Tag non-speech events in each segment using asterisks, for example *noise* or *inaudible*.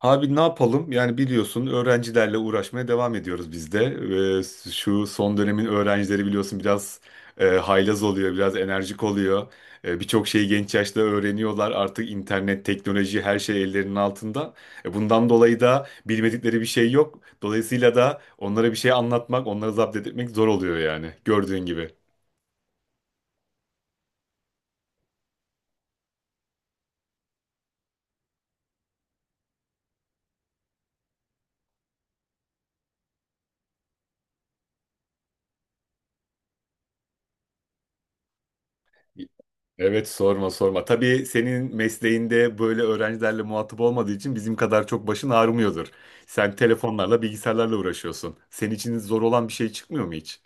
Abi ne yapalım? Yani biliyorsun öğrencilerle uğraşmaya devam ediyoruz biz de. Şu son dönemin öğrencileri biliyorsun biraz haylaz oluyor, biraz enerjik oluyor. Birçok şeyi genç yaşta öğreniyorlar. Artık internet, teknoloji her şey ellerinin altında. Bundan dolayı da bilmedikleri bir şey yok. Dolayısıyla da onlara bir şey anlatmak, onları zapt etmek zor oluyor yani gördüğün gibi. Evet, sorma sorma. Tabii senin mesleğinde böyle öğrencilerle muhatap olmadığı için bizim kadar çok başın ağrımıyordur. Sen telefonlarla, bilgisayarlarla uğraşıyorsun. Senin için zor olan bir şey çıkmıyor mu hiç?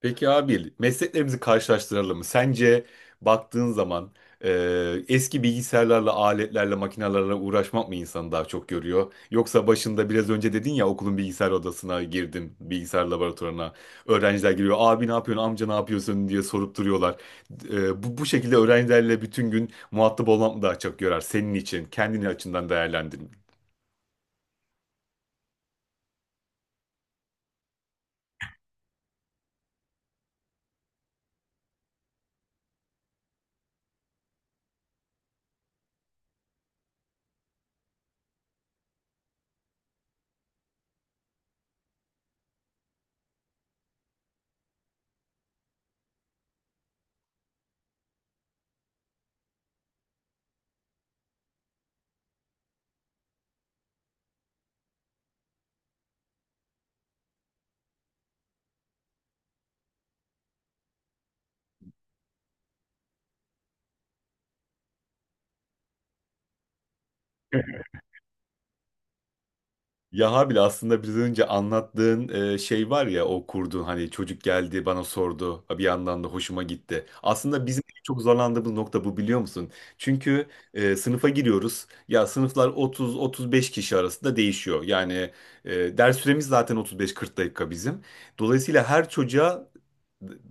Peki abi mesleklerimizi karşılaştıralım mı? Sence baktığın zaman e, eski bilgisayarlarla, aletlerle, makinelerle uğraşmak mı insanı daha çok görüyor? Yoksa başında biraz önce dedin ya okulun bilgisayar odasına girdim, bilgisayar laboratuvarına. Öğrenciler giriyor abi ne yapıyorsun, amca ne yapıyorsun diye sorup duruyorlar. Bu şekilde öğrencilerle bütün gün muhatap olmak mı daha çok görer senin için? Kendini açından değerlendirin. Yaha bile aslında biraz önce anlattığın şey var ya o kurduğun hani çocuk geldi bana sordu bir yandan da hoşuma gitti. Aslında bizim en çok zorlandığımız nokta bu biliyor musun? Çünkü sınıfa giriyoruz ya sınıflar 30-35 kişi arasında değişiyor. Yani ders süremiz zaten 35-40 dakika bizim. Dolayısıyla her çocuğa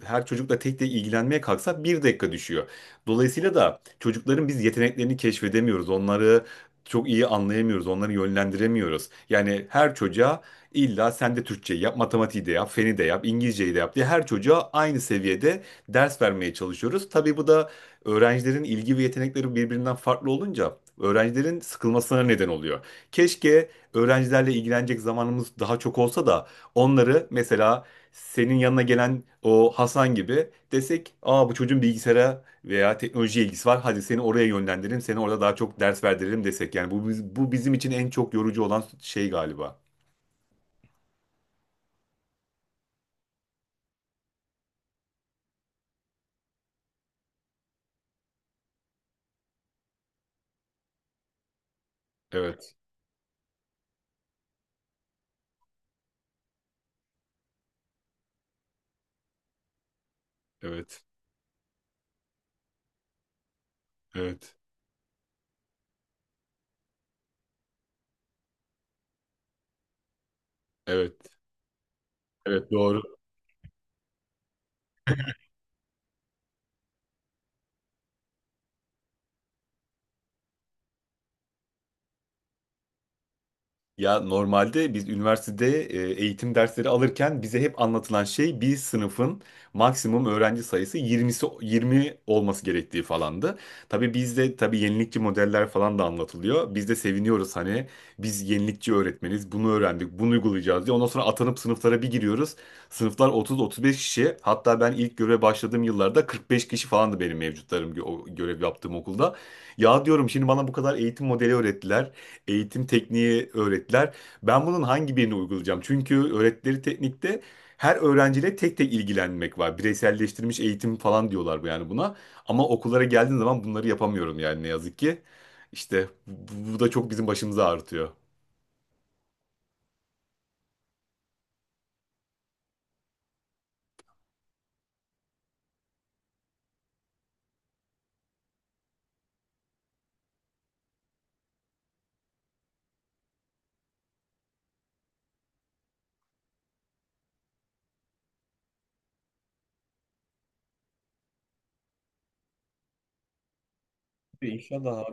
her çocukla tek tek ilgilenmeye kalksak bir dakika düşüyor. Dolayısıyla da çocukların biz yeteneklerini keşfedemiyoruz. Onları çok iyi anlayamıyoruz, onları yönlendiremiyoruz. Yani her çocuğa illa sen de Türkçeyi yap, matematiği de yap, feni de yap, İngilizceyi de yap diye her çocuğa aynı seviyede ders vermeye çalışıyoruz. Tabii bu da öğrencilerin ilgi ve yetenekleri birbirinden farklı olunca öğrencilerin sıkılmasına neden oluyor. Keşke öğrencilerle ilgilenecek zamanımız daha çok olsa da onları mesela senin yanına gelen o Hasan gibi desek, "Aa bu çocuğun bilgisayara veya teknoloji ilgisi var. Hadi seni oraya yönlendirelim, seni orada daha çok ders verdirelim" desek. Yani bu bizim için en çok yorucu olan şey galiba. Evet, evet, evet, evet, evet, evet, doğru. Ya normalde biz üniversitede eğitim dersleri alırken bize hep anlatılan şey bir sınıfın maksimum öğrenci sayısı 20'si 20 olması gerektiği falandı. Tabii bizde tabii yenilikçi modeller falan da anlatılıyor. Biz de seviniyoruz hani biz yenilikçi öğretmeniz bunu öğrendik bunu uygulayacağız diye. Ondan sonra atanıp sınıflara bir giriyoruz. Sınıflar 30-35 kişi, hatta ben ilk göreve başladığım yıllarda 45 kişi falandı benim mevcutlarım o görev yaptığım okulda. Ya diyorum şimdi bana bu kadar eğitim modeli öğrettiler, eğitim tekniği öğrettiler. Ben bunun hangi birini uygulayacağım? Çünkü öğrettikleri teknikte her öğrenciyle tek tek ilgilenmek var. Bireyselleştirilmiş eğitim falan diyorlar bu yani buna. Ama okullara geldiğim zaman bunları yapamıyorum yani ne yazık ki. İşte bu da çok bizim başımızı ağrıtıyor. İnşallah.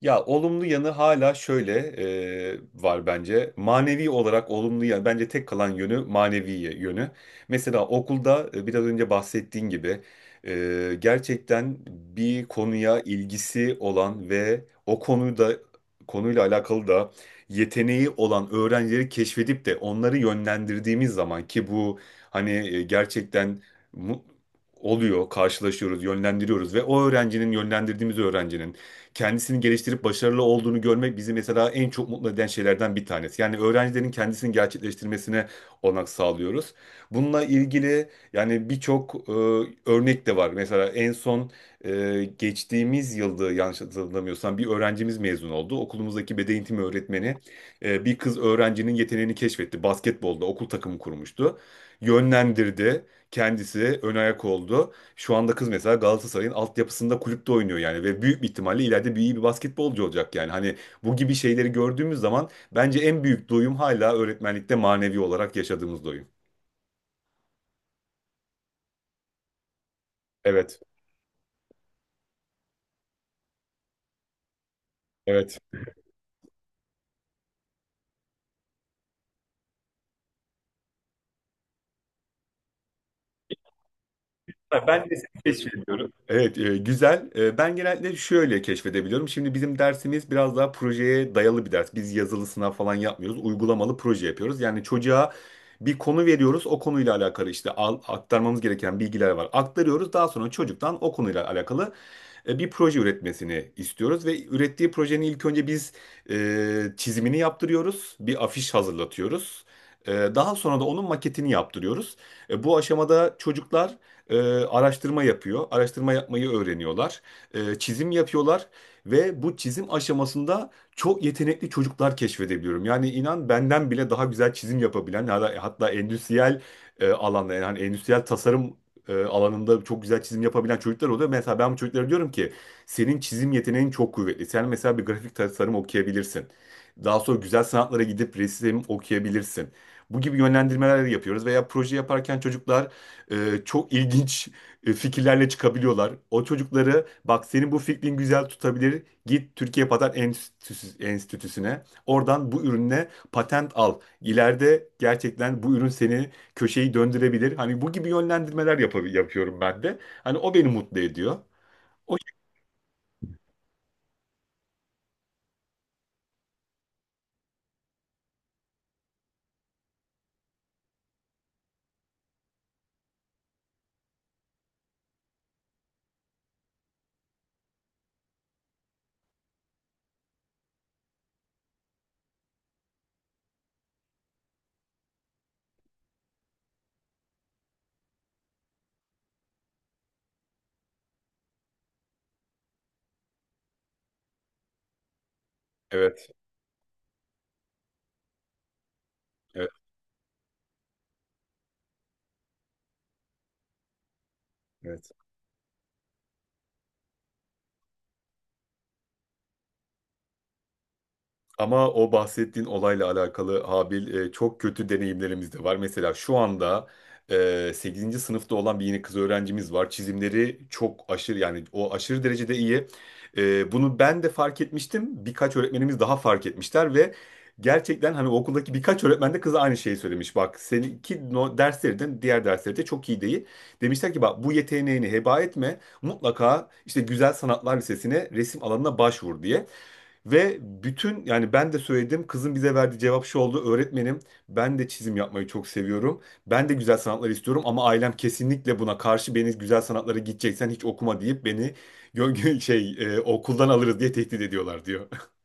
Ya olumlu yanı hala şöyle var bence. Manevi olarak olumlu yanı bence tek kalan yönü manevi yönü. Mesela okulda biraz önce bahsettiğin gibi gerçekten bir konuya ilgisi olan ve o konuda konuyla alakalı da yeteneği olan öğrencileri keşfedip de onları yönlendirdiğimiz zaman ki bu hani gerçekten mu- oluyor, karşılaşıyoruz, yönlendiriyoruz ve o öğrencinin yönlendirdiğimiz öğrencinin kendisini geliştirip başarılı olduğunu görmek bizi mesela en çok mutlu eden şeylerden bir tanesi. Yani öğrencilerin kendisini gerçekleştirmesine olanak sağlıyoruz. Bununla ilgili yani birçok örnek de var. Mesela en son geçtiğimiz yılda yanlış hatırlamıyorsam bir öğrencimiz mezun oldu. Okulumuzdaki beden eğitimi öğretmeni bir kız öğrencinin yeteneğini keşfetti. Basketbolda okul takımı kurmuştu. Yönlendirdi. Kendisi ön ayak oldu. Şu anda kız mesela Galatasaray'ın altyapısında kulüpte oynuyor yani ve büyük bir ihtimalle ileride bir iyi bir basketbolcu olacak yani. Hani bu gibi şeyleri gördüğümüz zaman bence en büyük doyum hala öğretmenlikte manevi olarak yaşadığımız doyum. Evet, evet. Ben de seni keşfediyorum. Evet, güzel. Ben genellikle şöyle keşfedebiliyorum. Şimdi bizim dersimiz biraz daha projeye dayalı bir ders. Biz yazılı sınav falan yapmıyoruz. Uygulamalı proje yapıyoruz. Yani çocuğa bir konu veriyoruz. O konuyla alakalı işte aktarmamız gereken bilgiler var. Aktarıyoruz. Daha sonra çocuktan o konuyla alakalı bir proje üretmesini istiyoruz ve ürettiği projenin ilk önce biz çizimini yaptırıyoruz, bir afiş hazırlatıyoruz. Daha sonra da onun maketini yaptırıyoruz. Bu aşamada çocuklar e, araştırma yapıyor. Araştırma yapmayı öğreniyorlar. Çizim yapıyorlar ve bu çizim aşamasında çok yetenekli çocuklar keşfedebiliyorum. Yani inan benden bile daha güzel çizim yapabilen, hatta endüstriyel alanda, yani hani endüstriyel tasarım alanında çok güzel çizim yapabilen çocuklar oluyor. Mesela ben bu çocuklara diyorum ki senin çizim yeteneğin çok kuvvetli. Sen mesela bir grafik tasarım okuyabilirsin. Daha sonra güzel sanatlara gidip resim okuyabilirsin. Bu gibi yönlendirmeler yapıyoruz veya proje yaparken çocuklar çok ilginç fikirlerle çıkabiliyorlar. O çocukları bak senin bu fikrin güzel tutabilir. Git Türkiye Patent Enstitüsü'ne. Oradan bu ürüne patent al. İleride gerçekten bu ürün seni köşeyi döndürebilir. Hani bu gibi yönlendirmeler yapıyorum ben de. Hani o beni mutlu ediyor. O, evet, evet, evet. Ama o bahsettiğin olayla alakalı Habil, çok kötü deneyimlerimiz de var. Mesela şu anda 8. sınıfta olan bir yeni kız öğrencimiz var. Çizimleri çok aşırı, yani o aşırı derecede iyi. Bunu ben de fark etmiştim. Birkaç öğretmenimiz daha fark etmişler ve gerçekten hani okuldaki birkaç öğretmen de kıza aynı şeyi söylemiş. Bak seninki no, derslerden diğer dersleri de çok iyi değil. Demişler ki bak bu yeteneğini heba etme. Mutlaka işte Güzel Sanatlar Lisesi'ne resim alanına başvur diye. Ve bütün, yani ben de söyledim, kızın bize verdiği cevap şu oldu. Öğretmenim, ben de çizim yapmayı çok seviyorum. Ben de güzel sanatlar istiyorum ama ailem kesinlikle buna karşı, beni güzel sanatlara gideceksen hiç okuma deyip beni *laughs* şey, okuldan alırız diye tehdit ediyorlar diyor. *laughs*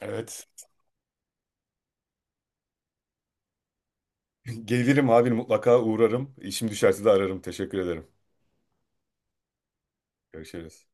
Evet. Gelirim abi, mutlaka uğrarım. İşim düşerse de ararım. Teşekkür ederim. Görüşürüz.